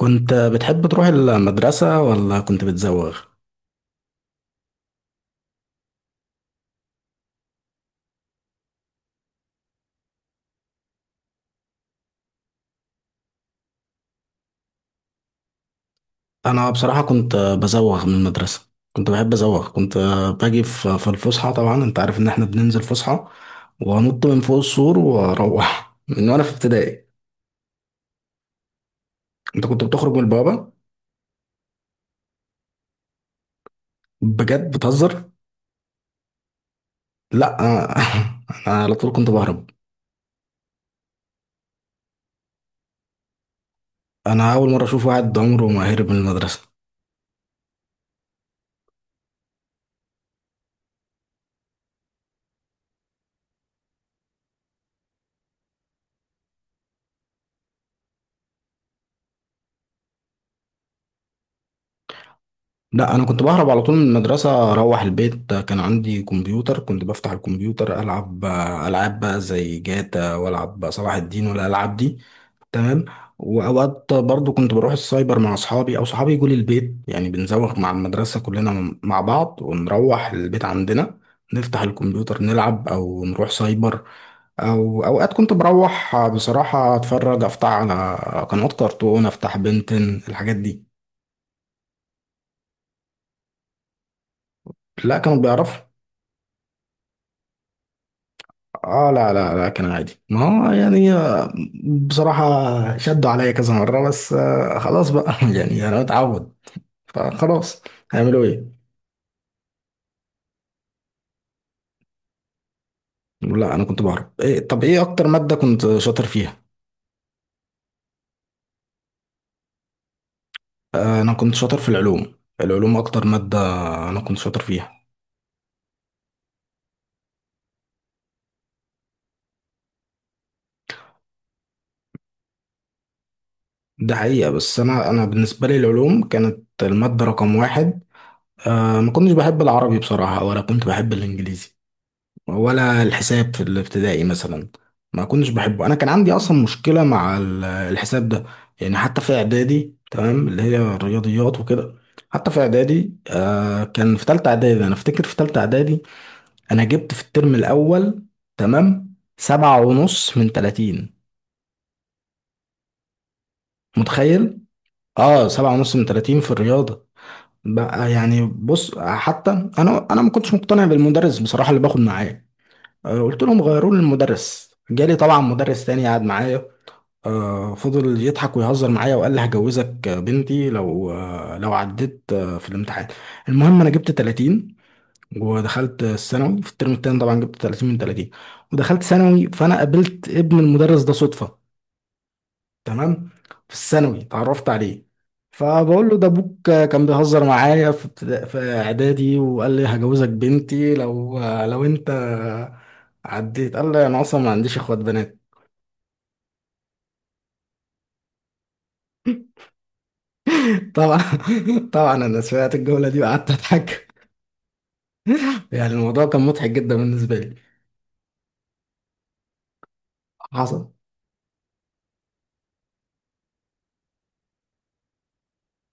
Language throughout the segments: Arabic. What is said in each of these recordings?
كنت بتحب تروح المدرسة ولا كنت بتزوغ؟ أنا بصراحة كنت بزوغ من المدرسة. كنت بحب أزوغ. كنت باجي في الفسحة، طبعا أنت عارف إن إحنا بننزل فسحة وأنط من فوق السور وأروح، من وأنا في ابتدائي. أنت كنت بتخرج من البوابة؟ بجد بتهزر؟ لأ أنا على طول كنت بهرب. أنا أول مرة أشوف واحد عمره ما هرب من المدرسة. لا انا كنت بهرب على طول من المدرسه، اروح البيت. كان عندي كمبيوتر، كنت بفتح الكمبيوتر العب العاب بقى زي جاتا، والعب بقى صلاح الدين والالعاب دي. تمام. واوقات برضو كنت بروح السايبر مع اصحابي او صحابي يجوا لي البيت، يعني بنزوغ مع المدرسه كلنا مع بعض ونروح البيت عندنا، نفتح الكمبيوتر نلعب او نروح سايبر. او اوقات كنت بروح بصراحه اتفرج، افتح على قنوات كرتون، افتح بنتن، الحاجات دي. لا كانوا بيعرفوا. اه، لا كان عادي. ما هو يعني، بصراحة شدوا عليا كذا مرة، بس خلاص بقى يعني انا متعود، فخلاص. هيعملوا ايه. لا انا كنت بهرب. إيه، طب ايه اكتر مادة كنت شاطر فيها؟ انا كنت شاطر في العلوم. العلوم اكتر مادة انا كنت شاطر فيها. ده حقيقة. بس انا بالنسبة لي العلوم كانت المادة رقم واحد. ما كنتش بحب العربي بصراحة، ولا كنت بحب الانجليزي، ولا الحساب في الابتدائي مثلا ما كنتش بحبه. انا كان عندي اصلا مشكله مع الحساب ده. يعني حتى في اعدادي، تمام، اللي هي الرياضيات وكده. حتى في اعدادي، آه، كان في تالتة اعدادي، انا افتكر في تالتة اعدادي انا جبت في الترم الاول، تمام، سبعة ونص من تلاتين. متخيل؟ اه، سبعة ونص من تلاتين في الرياضة. بقى يعني بص. حتى انا ما كنتش مقتنع بالمدرس بصراحة اللي باخد معاه. قلت لهم غيروا لي المدرس. جالي طبعا مدرس تاني قعد معايا. فضل يضحك ويهزر معايا، وقال لي هجوزك بنتي لو، لو عديت في الامتحان. المهم انا جبت 30 ودخلت الثانوي. في الترم التاني طبعا جبت 30 من 30 ودخلت ثانوي. فانا قابلت ابن المدرس ده صدفة. تمام. في الثانوي اتعرفت عليه، فبقول له ده ابوك كان بيهزر معايا في في اعدادي وقال لي هجوزك بنتي لو، لو انت عديت. قال لي انا اصلا ما عنديش اخوات بنات. طبعا. طبعا انا سمعت الجمله دي وقعدت اضحك. يعني الموضوع كان مضحك جدا بالنسبه لي. حصل.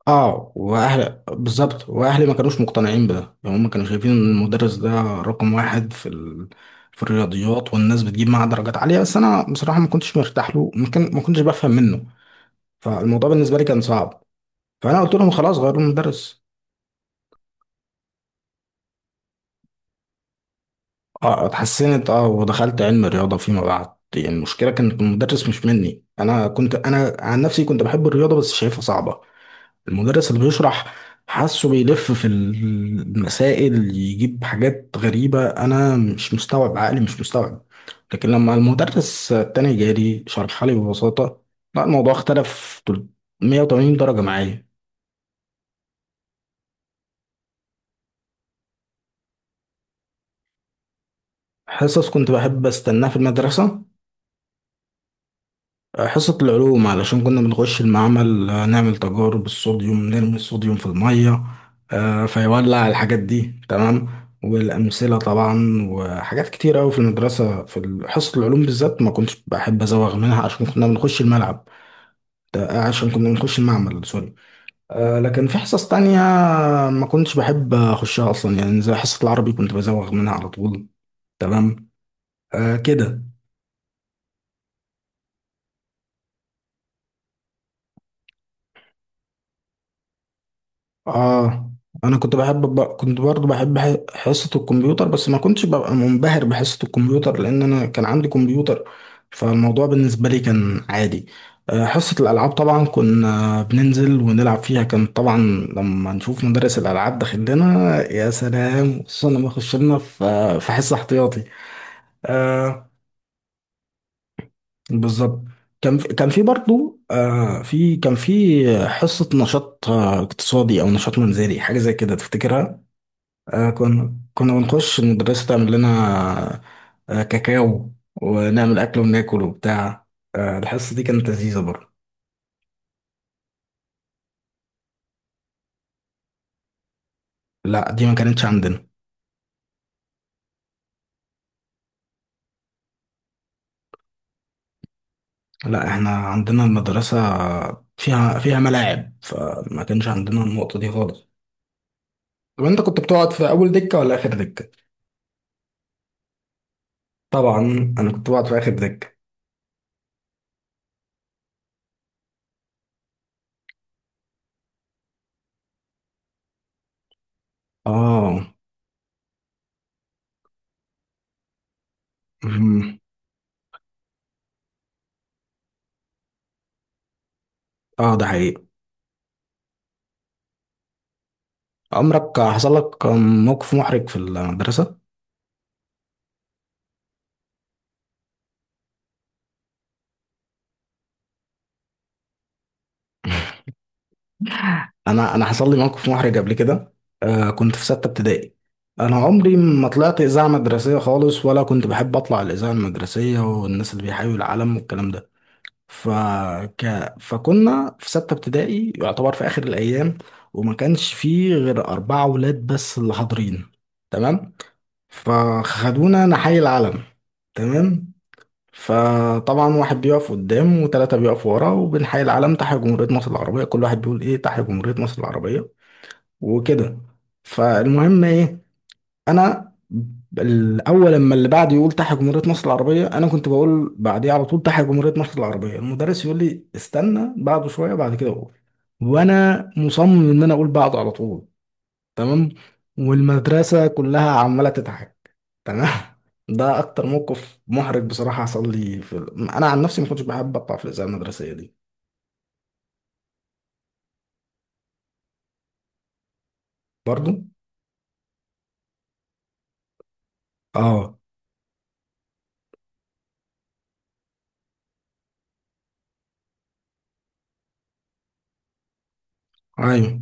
اه، واهل بالظبط، واهلي ما كانوش مقتنعين بده، يعني هم كانوا شايفين ان المدرس ده رقم واحد في ال... في الرياضيات، والناس بتجيب معاه درجات عاليه، بس انا بصراحه ما كنتش مرتاح له، ما كنتش بفهم منه. فالموضوع بالنسبه لي كان صعب. فانا قلت لهم خلاص غيروا المدرس. اه اتحسنت، اه، ودخلت علم الرياضه فيما بعد. يعني المشكله كانت المدرس، مش مني انا. كنت انا عن نفسي كنت بحب الرياضه بس شايفها صعبه. المدرس اللي بيشرح، حاسه بيلف في المسائل، يجيب حاجات غريبة أنا مش مستوعب، عقلي مش مستوعب. لكن لما المدرس التاني جالي شرحها لي ببساطة، لا الموضوع اختلف 180 درجة معايا. حصص كنت بحب أستناها في المدرسة، حصة العلوم، علشان كنا بنخش المعمل، نعمل تجارب الصوديوم، نرمي الصوديوم في المية، فيولع، الحاجات دي. تمام. والأمثلة طبعا وحاجات كتير أوي في المدرسة، في حصة العلوم بالذات ما كنتش بحب أزوغ منها عشان كنا بنخش الملعب. عشان كنا بنخش المعمل، سوري. لكن في حصص تانية ما كنتش بحب أخشها أصلا، يعني زي حصة العربي كنت بزوغ منها على طول. تمام. كده. اه، انا كنت بحب ب... كنت برضو بحب حصة الكمبيوتر، بس ما كنتش ببقى منبهر بحصة الكمبيوتر لان انا كان عندي كمبيوتر، فالموضوع بالنسبة لي كان عادي. حصة الالعاب طبعا كنا بننزل ونلعب فيها، كان طبعا لما نشوف مدرس الالعاب داخل لنا يا سلام، خصوصا لما يخش لنا في حصة احتياطي. آه، بالظبط. كان في حصة نشاط اقتصادي أو نشاط منزلي، حاجة زي كده تفتكرها؟ كنا بنخش المدرسة تعمل لنا كاكاو، ونعمل أكل وناكل وبتاع. الحصة دي كانت لذيذة برضه. لا دي ما كانتش عندنا. لا احنا عندنا المدرسة فيها، ملاعب، فما كانش عندنا النقطة دي خالص. طب انت كنت بتقعد في أول دكة ولا آخر دكة؟ طبعا أنا كنت بقعد في آخر دكة. اه. مهم. اه ده حقيقي. عمرك حصل لك موقف محرج في المدرسة؟ انا حصل لي موقف محرج قبل كده. آه كنت في سته ابتدائي. انا عمري ما طلعت اذاعه مدرسيه خالص، ولا كنت بحب اطلع الاذاعه المدرسيه والناس اللي بيحيوا العالم والكلام ده. فك... فكنا في سته ابتدائي يعتبر في اخر الايام، وما كانش فيه غير اربعه ولاد بس اللي حاضرين. تمام. فخدونا نحيي العالم. تمام. فطبعا واحد بيقف قدام وثلاثة بيقفوا ورا وبنحيي العلم. تحيا جمهورية مصر العربية، كل واحد بيقول ايه، تحيا جمهورية مصر العربية، وكده. فالمهم ايه، انا الاول لما اللي بعد يقول تحيا جمهورية مصر العربية، انا كنت بقول بعديه على طول تحيا جمهورية مصر العربية. المدرس يقول لي استنى بعده شوية بعد كده اقول، وانا مصمم ان انا اقول بعده على طول. تمام. والمدرسة كلها عمالة تضحك. تمام. ده اكتر موقف محرج بصراحة حصل لي في انا عن نفسي ما كنتش بحب اطلع في الإذاعة المدرسية دي. برضو. اه. ايوه.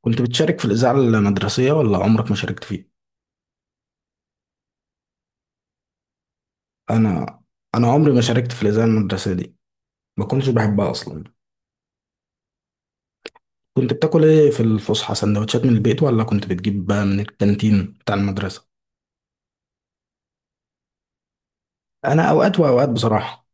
كنت بتشارك في الإذاعة المدرسية ولا عمرك ما شاركت فيها؟ انا انا عمري ما شاركت في الاذاعه المدرسيه دي. ما كنتش بحبها اصلا. كنت بتاكل ايه في الفسحه، سندوتشات من البيت ولا كنت بتجيب بقى من الكانتين بتاع المدرسه؟ انا اوقات واوقات بصراحه.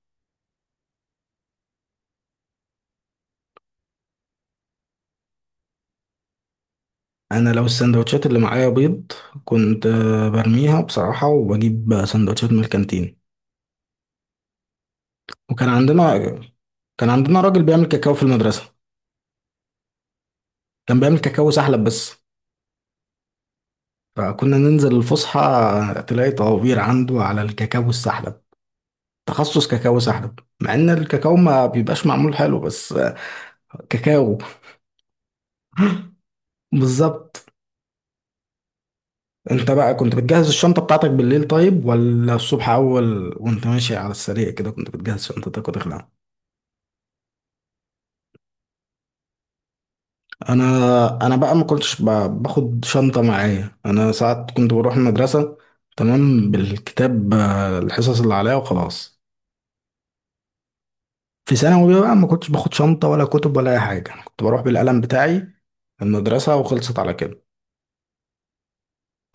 انا لو السندوتشات اللي معايا بيض، كنت برميها بصراحه وبجيب سندوتشات من الكانتين. وكان عندنا، كان عندنا راجل بيعمل كاكاو في المدرسه، كان بيعمل كاكاو سحلب بس. فكنا ننزل الفسحه تلاقي طوابير عنده على الكاكاو السحلب. تخصص كاكاو سحب، مع ان الكاكاو ما بيبقاش معمول حلو، بس كاكاو. بالظبط. انت بقى كنت بتجهز الشنطة بتاعتك بالليل طيب، ولا الصبح اول وانت ماشي على السريع كده كنت بتجهز شنطتك وتخلع؟ انا انا بقى ما كنتش باخد شنطة معايا. انا ساعات كنت بروح المدرسة، تمام، بالكتاب، الحصص اللي عليا وخلاص. في ثانوي بقى ما كنتش باخد شنطة ولا كتب ولا اي حاجة، أنا كنت بروح بالقلم بتاعي المدرسة وخلصت على كده،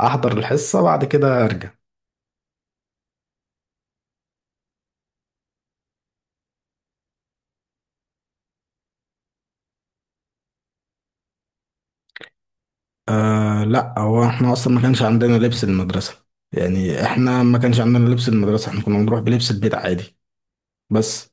احضر الحصة بعد كده ارجع. آه لا، هو احنا اصلا ما كانش عندنا لبس المدرسة. يعني احنا ما كانش عندنا لبس المدرسة، احنا كنا بنروح بلبس البيت عادي. بس